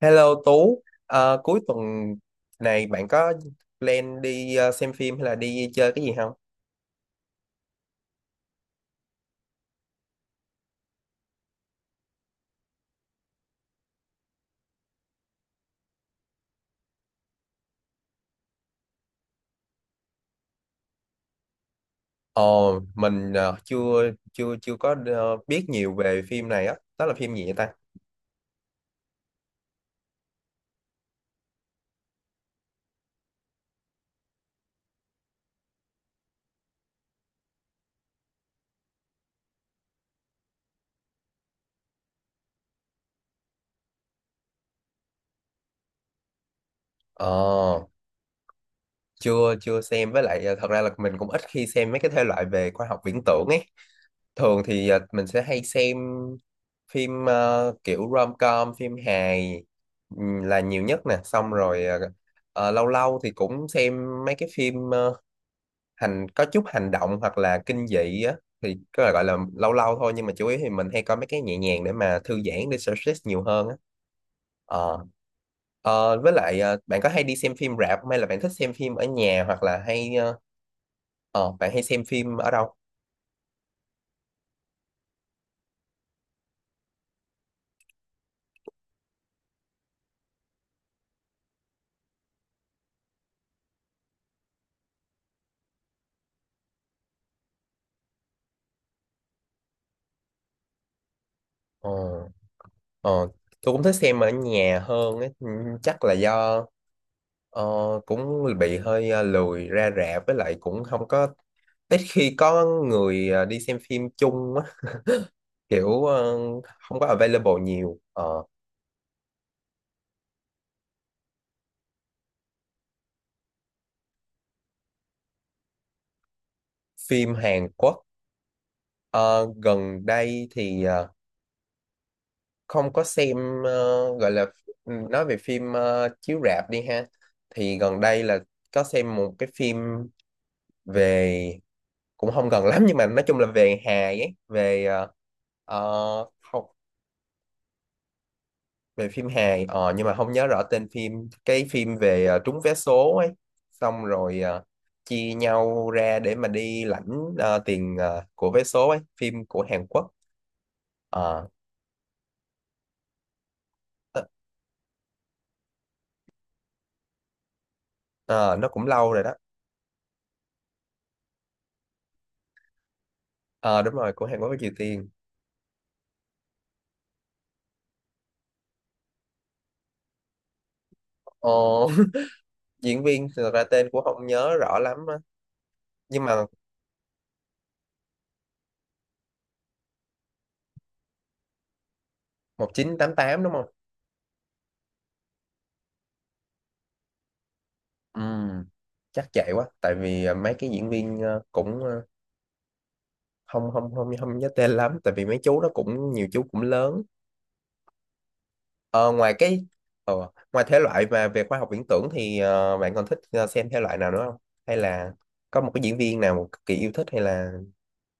Hello Tú, cuối tuần này bạn có plan đi xem phim hay là đi chơi cái gì không? Ồ, mình chưa chưa chưa có biết nhiều về phim này á, đó là phim gì vậy ta? Ồ, chưa chưa xem với lại thật ra là mình cũng ít khi xem mấy cái thể loại về khoa học viễn tưởng ấy. Thường thì mình sẽ hay xem phim kiểu rom-com, phim hài là nhiều nhất nè, xong rồi lâu lâu thì cũng xem mấy cái phim có chút hành động hoặc là kinh dị á, thì có thể gọi là lâu lâu thôi, nhưng mà chủ yếu thì mình hay coi mấy cái nhẹ nhàng để mà thư giãn, để stress nhiều hơn á. Ờ. Với lại bạn có hay đi xem phim rạp không, hay là bạn thích xem phim ở nhà, hoặc là hay bạn hay xem phim ở đâu? Ờ, ờ, tôi cũng thích xem ở nhà hơn ấy. Ừ, chắc là do ờ, cũng bị hơi lười ra rạp, với lại cũng không có, ít khi có người đi xem phim chung á, kiểu không có available nhiều. Ờ, phim Hàn Quốc ờ, gần đây thì không có xem, gọi là ừ, nói về phim chiếu rạp đi ha, thì gần đây là có xem một cái phim về, cũng không gần lắm, nhưng mà nói chung là về hài ấy, về học, về phim Hàn nhưng mà không nhớ rõ tên phim, cái phim về trúng vé số ấy, xong rồi chia nhau ra để mà đi lãnh tiền của vé số ấy, phim của Hàn Quốc. ờ ờ, ờ, nó cũng lâu rồi đó. Ờ Đúng rồi, của Hàn Quốc với Triều Tiên. ờ, Diễn viên thì thật ra tên cũng không nhớ rõ lắm á. Nhưng mà 1988 đúng không. Ừ, chắc vậy quá, tại vì mấy cái diễn viên cũng không không không không nhớ tên lắm, tại vì mấy chú đó cũng nhiều, chú cũng lớn. Ờ, ngoài cái ờ, ngoài thể loại mà về khoa học viễn tưởng thì bạn còn thích xem thể loại nào nữa không? Hay là có một cái diễn viên nào một cực kỳ yêu thích, hay là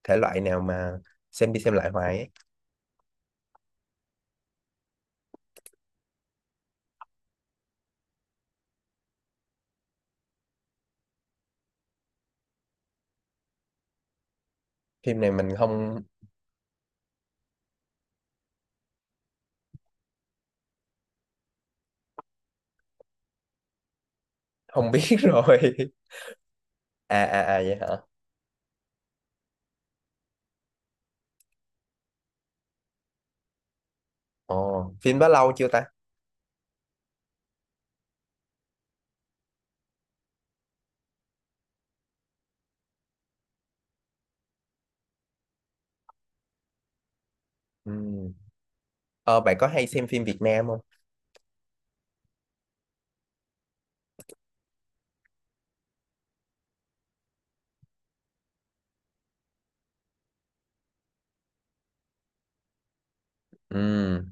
thể loại nào mà xem đi xem lại hoài ấy? Phim này mình không không biết rồi. À à à vậy hả? Ồ, phim đó lâu chưa ta? Ừ. Ờ, bạn có hay xem phim Việt Nam không? Ừ.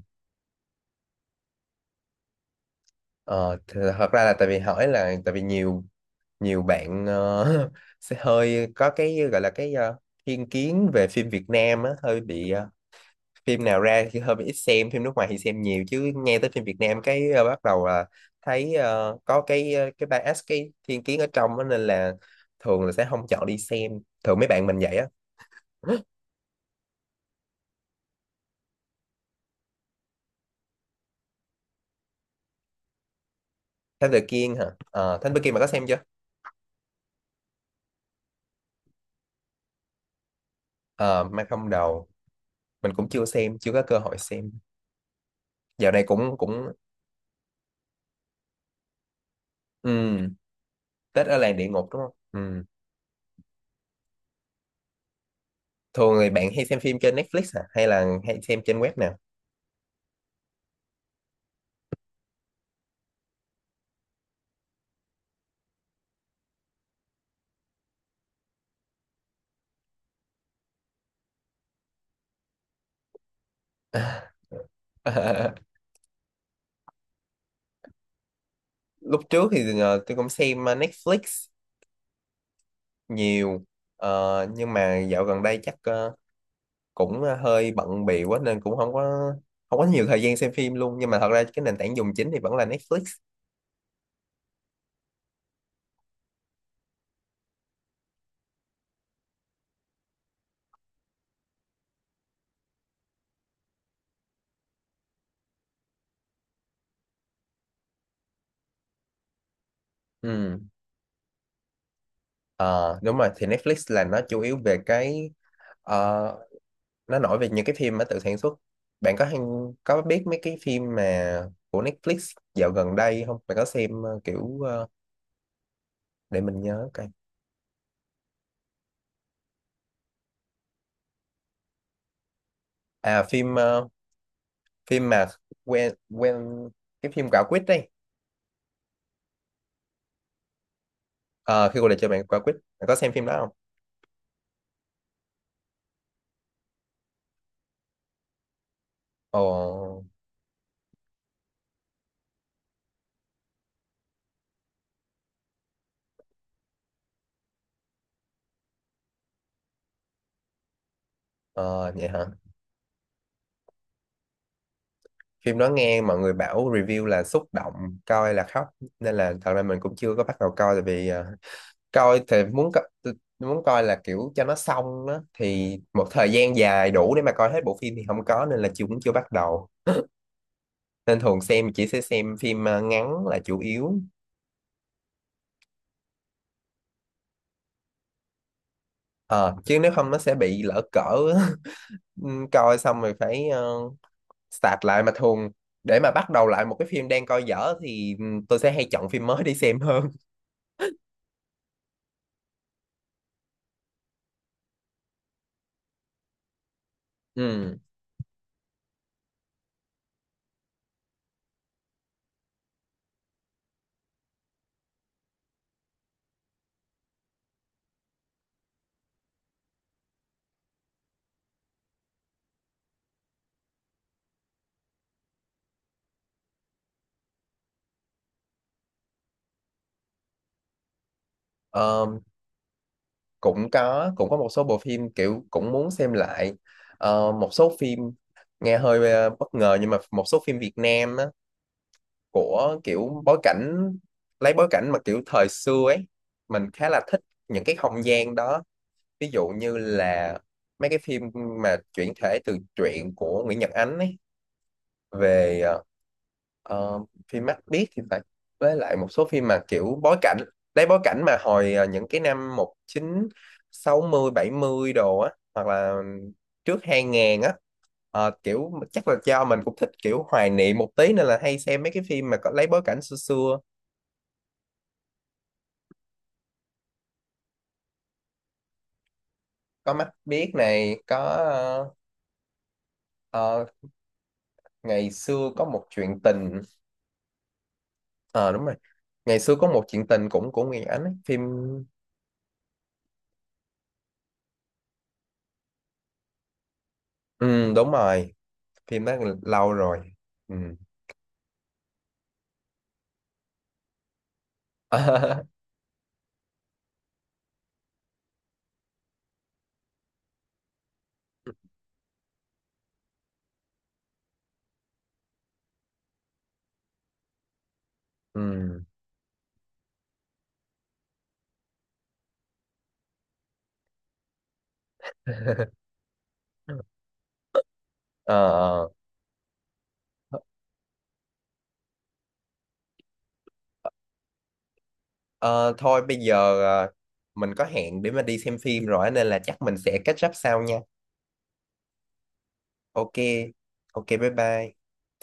Ờ, thật ra là, tại vì nhiều nhiều bạn sẽ hơi có cái gọi là thiên kiến về phim Việt Nam á, hơi bị phim nào ra thì hơi ít xem, phim nước ngoài thì xem nhiều, chứ nghe tới phim Việt Nam cái bắt đầu là thấy có cái bias, cái thiên kiến ở trong đó, nên là thường là sẽ không chọn đi xem, thường mấy bạn mình vậy á. Thám Tử Kiên hả? Thám Tử Kiên mà có xem chưa. Ờ, Ma Không Đầu mình cũng chưa xem, chưa có cơ hội xem, dạo này cũng cũng ừ, Tết ở làng địa ngục đúng không. Ừ. Thường thì bạn hay xem phim trên Netflix à, hay là hay xem trên web nào? Lúc trước thì tôi cũng xem Netflix nhiều. Nhưng mà dạo gần đây chắc cũng hơi bận bịu quá nên cũng không có nhiều thời gian xem phim luôn, nhưng mà thật ra cái nền tảng dùng chính thì vẫn là Netflix. Ừ. Ờ, đúng rồi, thì Netflix là nó chủ yếu về cái ờ, nó nổi về những cái phim mà tự sản xuất. Bạn có biết mấy cái phim mà của Netflix dạo gần đây không? Bạn có xem kiểu để mình nhớ coi. À phim phim mà quen quen, cái phim Quả Quýt đây. Ờ, khi cuộc đời cho bạn Quả Quýt, bạn có xem phim đó không? Ồ, ờ, vậy hả? Phim đó nghe mọi người bảo review là xúc động, coi là khóc, nên là thật ra mình cũng chưa có bắt đầu coi, tại vì coi thì muốn, muốn coi là kiểu cho nó xong đó, thì một thời gian dài đủ để mà coi hết bộ phim thì không có, nên là chưa, cũng chưa bắt đầu. Nên thường xem chỉ sẽ xem phim ngắn là chủ yếu. Ờ, chứ nếu không nó sẽ bị lỡ cỡ. Ừ, coi xong rồi phải start lại, mà thường để mà bắt đầu lại một cái phim đang coi dở thì ừ, tôi sẽ hay chọn phim mới đi xem hơn. Ừ. Ờ, cũng có một số bộ phim kiểu cũng muốn xem lại. Một số phim nghe hơi bất ngờ, nhưng mà một số phim Việt Nam á, của kiểu bối cảnh lấy bối cảnh mà kiểu thời xưa ấy, mình khá là thích những cái không gian đó, ví dụ như là mấy cái phim mà chuyển thể từ truyện của Nguyễn Nhật Ánh ấy, về Ờ, phim Mắt Biết thì phải, với lại một số phim mà kiểu bối cảnh lấy bối cảnh mà hồi những cái năm một chín sáu mươi bảy mươi đồ á, hoặc là trước 2000 á. Kiểu chắc là do mình cũng thích kiểu hoài niệm một tí, nên là hay xem mấy cái phim mà có lấy bối cảnh xưa xưa. Có Mắt Biết này, có ờ, ờ, ngày xưa có một chuyện tình. Ờ Đúng rồi, ngày xưa có một chuyện tình cũng của Nguyễn Ánh ấy. Phim. Ừ, đúng rồi, phim đó lâu rồi. Ừ. Ừ. Ờ ờ. Ờ, thôi bây giờ mình có hẹn để mà đi xem phim rồi á, nên là chắc mình sẽ catch up sau nha. Ok ok bye bye.